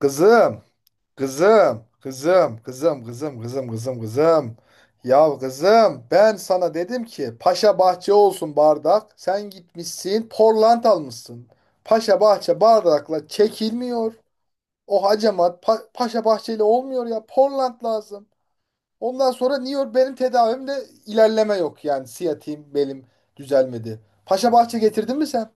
Kızım, kızım, kızım, kızım, kızım, kızım, kızım, kızım. Ya kızım, ben sana dedim ki Paşa Bahçe olsun bardak. Sen gitmişsin, Portland almışsın. Paşa Bahçe bardakla çekilmiyor. O hacamat Paşa bahçeyle olmuyor ya. Portland lazım. Ondan sonra niye benim tedavimde ilerleme yok yani. Siyatiğim belim düzelmedi. Paşa Bahçe getirdin mi sen?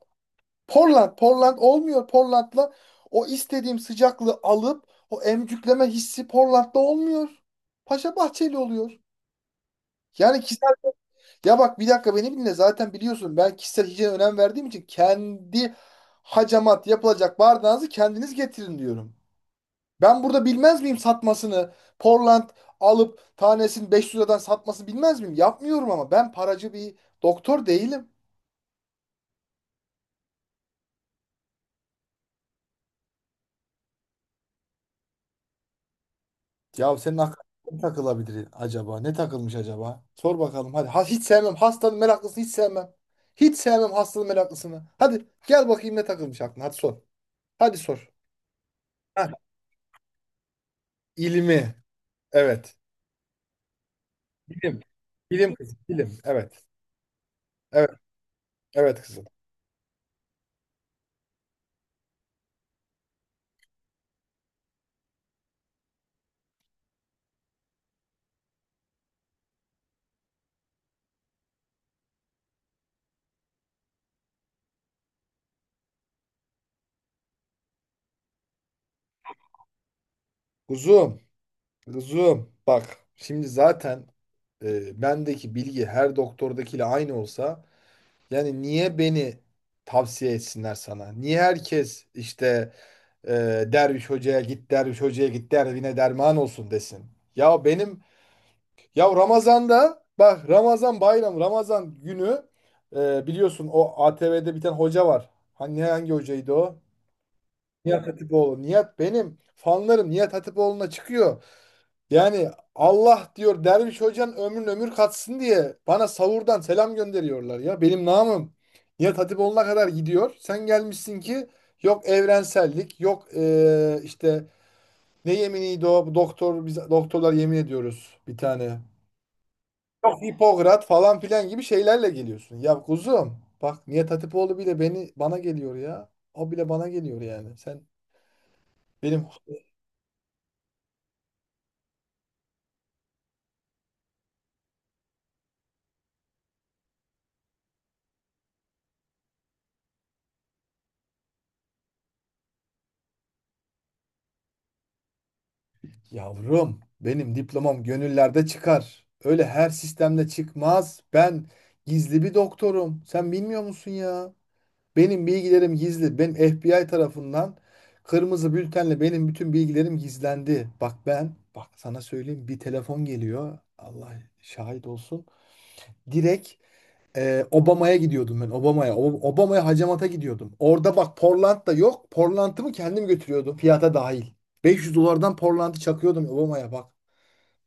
Portland olmuyor. Portland'la o istediğim sıcaklığı alıp o emcükleme hissi Portland'da olmuyor. Paşa Bahçeli oluyor. Yani kişisel... Ya bak, bir dakika beni dinle, zaten biliyorsun ben kişisel hijyene önem verdiğim için kendi hacamat yapılacak bardağınızı kendiniz getirin diyorum. Ben burada bilmez miyim satmasını? Portland alıp tanesini 500 liradan satmasını bilmez miyim? Yapmıyorum ama ben paracı bir doktor değilim. Ya senin aklına ne takılabilir acaba? Ne takılmış acaba? Sor bakalım hadi. Ha, hiç sevmem. Hastanın meraklısını hiç sevmem. Hiç sevmem hastanın meraklısını. Hadi gel bakayım ne takılmış aklına. Hadi sor. Hadi sor. Ha, ilmi. Evet. Bilim. Bilim kızım. Bilim. Evet. Evet. Evet kızım. Kuzum. Kuzum. Bak. Şimdi zaten bendeki bilgi her doktordakiyle aynı olsa yani niye beni tavsiye etsinler sana? Niye herkes işte... derviş hocaya git, derviş hocaya git, derdine derman olsun desin. Ya benim... Ya Ramazan'da bak, Ramazan bayram, Ramazan günü, biliyorsun o ATV'de bir tane hoca var. Hani hangi hocaydı o? Nihat Hatipoğlu. Nihat, benim fanlarım Nihat Hatipoğlu'na çıkıyor. Yani Allah diyor derviş hocanın ömrün ömür katsın diye bana savurdan selam gönderiyorlar ya. Benim namım Nihat Hatipoğlu'na kadar gidiyor. Sen gelmişsin ki yok evrensellik, yok işte ne yeminiydi o? Doktor, biz doktorlar yemin ediyoruz bir tane. Yok Hipokrat falan filan gibi şeylerle geliyorsun. Ya kuzum bak, Nihat Hatipoğlu bile beni, bana geliyor ya. O bile bana geliyor yani. Sen benim... Yavrum benim diplomam gönüllerde çıkar. Öyle her sistemde çıkmaz. Ben gizli bir doktorum. Sen bilmiyor musun ya? Benim bilgilerim gizli. Benim FBI tarafından kırmızı bültenle benim bütün bilgilerim gizlendi. Bak ben, bak sana söyleyeyim, bir telefon geliyor. Allah şahit olsun. Direkt Obama'ya gidiyordum ben. Obama'ya. Obama'ya hacamata gidiyordum. Orada bak Portland da yok. Portland'ımı kendim götürüyordum. Fiyata dahil. 500 dolardan Portland'ı çakıyordum Obama'ya bak.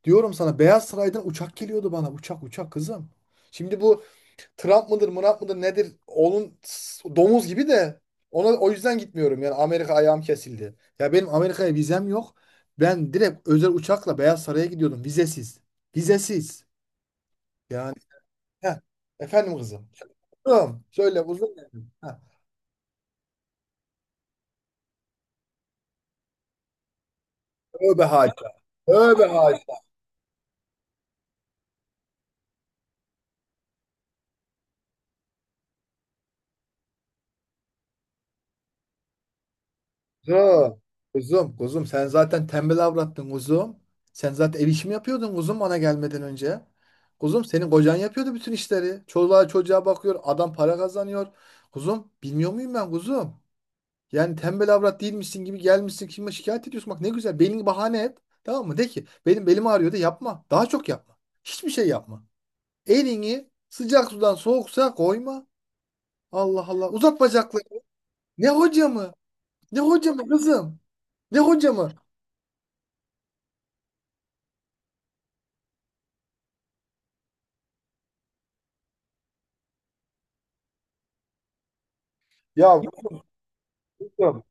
Diyorum sana Beyaz Saray'dan uçak geliyordu bana. Uçak uçak kızım. Şimdi bu Trump mıdır, Murat mıdır nedir? Onun domuz gibi de, ona o yüzden gitmiyorum. Yani Amerika ayağım kesildi. Ya benim Amerika'ya vizem yok. Ben direkt özel uçakla Beyaz Saray'a gidiyordum vizesiz. Vizesiz. Yani. Heh. Efendim kızım. Kızım, söyle uzun. Heh. Öbe haca. Öbe haca. Yo, kuzum, kuzum, sen zaten tembel avrattın kuzum. Sen zaten ev işimi yapıyordun kuzum, bana gelmeden önce. Kuzum, senin kocan yapıyordu bütün işleri. Çoluğa çocuğa bakıyor, adam para kazanıyor. Kuzum, bilmiyor muyum ben kuzum? Yani tembel avrat değilmişsin gibi gelmişsin, kime şikayet ediyorsun? Bak ne güzel belini bahane et. Tamam mı? De ki benim belim ağrıyor, de yapma. Daha çok yapma. Hiçbir şey yapma. Elini sıcak sudan soğuk suya koyma. Allah Allah. Uzat bacaklarını. Ne hoca mı? Ne hoca mı kızım? Ne hoca mı? Ya kuzum,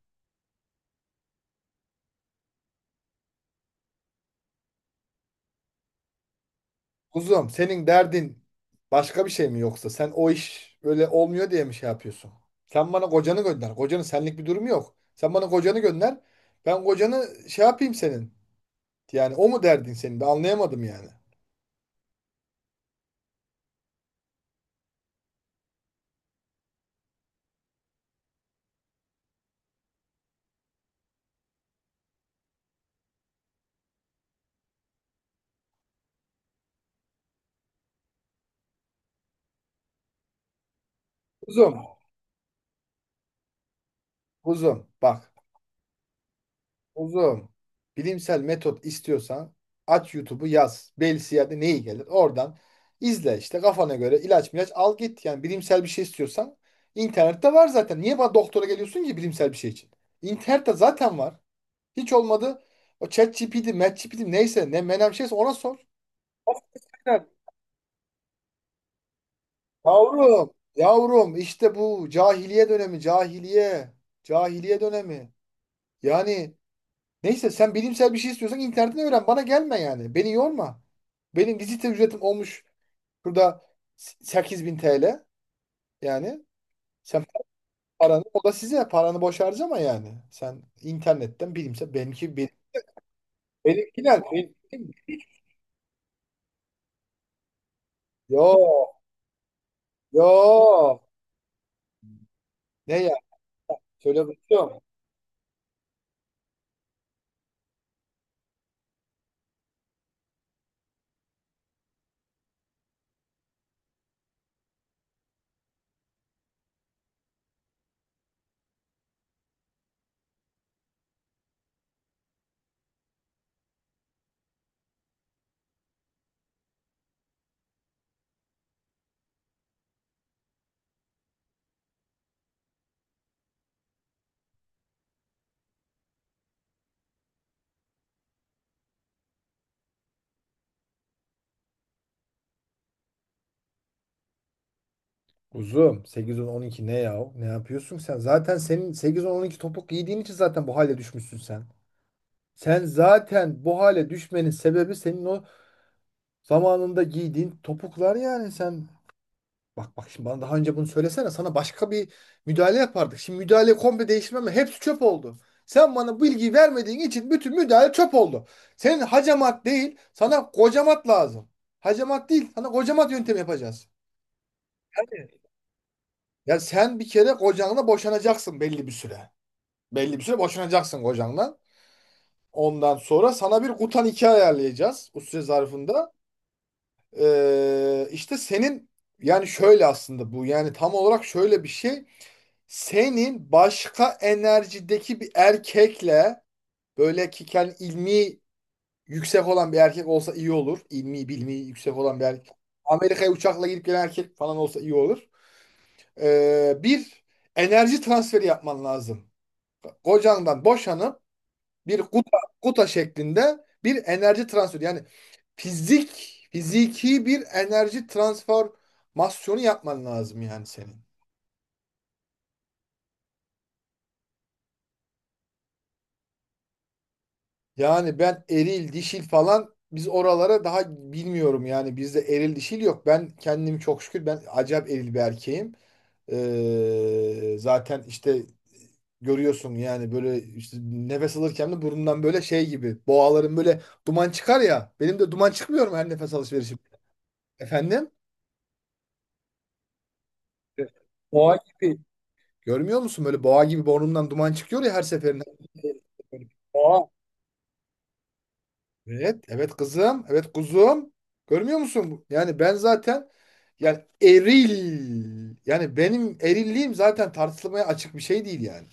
kuzum, senin derdin başka bir şey mi yoksa? Sen o iş öyle olmuyor diye mi şey yapıyorsun? Sen bana kocanı gönder. Kocanın senlik bir durumu yok. Sen bana kocanı gönder. Ben kocanı şey yapayım senin. Yani o mu derdin senin? Ben anlayamadım yani. Kuzum, kuzum bak. Uzun. Bilimsel metot istiyorsan aç YouTube'u yaz. Belsiyer'de neyi gelir? Oradan izle işte, kafana göre ilaç milaç al git. Yani bilimsel bir şey istiyorsan internette var zaten. Niye bana doktora geliyorsun ki bilimsel bir şey için? İnternette zaten var. Hiç olmadı. O ChatGPT, MatGPT neyse ne menem şeyse ona sor. Aynen. Yavrum, yavrum, işte bu cahiliye dönemi, cahiliye, cahiliye dönemi. Yani... Neyse, sen bilimsel bir şey istiyorsan internetten öğren. Bana gelme yani. Beni yorma. Benim vizite ücretim olmuş burada şurada 8.000 TL. Yani sen paranı, o da size, paranı boş harcama yani. Sen internetten bilimsel, benimki benim, benimkiler benim, yo yo ne ya, söyle kuzum. Kuzum, 8 on on iki ne ya? Ne yapıyorsun sen? Zaten senin 8 on on iki topuk giydiğin için zaten bu hale düşmüşsün sen. Sen zaten bu hale düşmenin sebebi senin o zamanında giydiğin topuklar, yani sen... Bak bak şimdi bana daha önce bunu söylesene, sana başka bir müdahale yapardık. Şimdi müdahale komple değiştirmem mi? Hepsi çöp oldu. Sen bana bilgi vermediğin için bütün müdahale çöp oldu. Senin hacamat değil, sana kocamat lazım. Hacamat değil, sana kocamat yöntemi yapacağız. Yani... Ya sen bir kere kocanla boşanacaksın belli bir süre. Belli bir süre boşanacaksın kocanla. Ondan sonra sana bir kutan iki ayarlayacağız bu süre zarfında. İşte senin, yani şöyle aslında bu, yani tam olarak şöyle bir şey. Senin başka enerjideki bir erkekle, böyle ki kendi ilmi yüksek olan bir erkek olsa iyi olur. İlmi bilmi yüksek olan bir erkek. Amerika'ya uçakla gidip gelen erkek falan olsa iyi olur. Bir enerji transferi yapman lazım. Kocandan boşanıp bir kuta, kuta şeklinde bir enerji transferi. Yani fizik, fiziki bir enerji transformasyonu yapman lazım yani senin. Yani ben eril, dişil falan, biz oralara daha, bilmiyorum yani, bizde eril dişil yok. Ben kendim çok şükür ben acayip eril bir erkeğim. Zaten işte görüyorsun yani, böyle işte nefes alırken de burnumdan böyle şey gibi, boğaların böyle duman çıkar ya. Benim de duman çıkmıyor mu her nefes alışverişim? Efendim? Boğa gibi. Görmüyor musun? Böyle boğa gibi burnumdan duman çıkıyor ya her seferinde. Boğa. Evet, evet kızım, evet kuzum. Görmüyor musun? Yani ben zaten, yani eril. Yani benim erilliğim zaten tartışılmaya açık bir şey değil yani.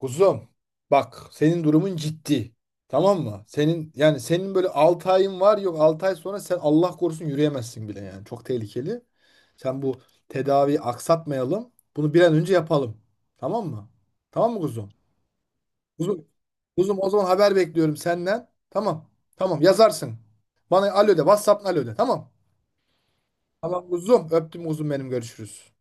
Kuzum bak senin durumun ciddi. Tamam mı? Senin, yani senin böyle 6 ayın var, yok 6 ay sonra sen Allah korusun yürüyemezsin bile yani. Çok tehlikeli. Sen bu tedaviyi aksatmayalım. Bunu bir an önce yapalım. Tamam mı? Tamam mı kuzum? Kuzum, kuzum, o zaman haber bekliyorum senden. Tamam. Tamam yazarsın. Bana alo de. WhatsApp'ın alo de. Tamam. Tamam kuzum. Öptüm kuzum benim. Görüşürüz.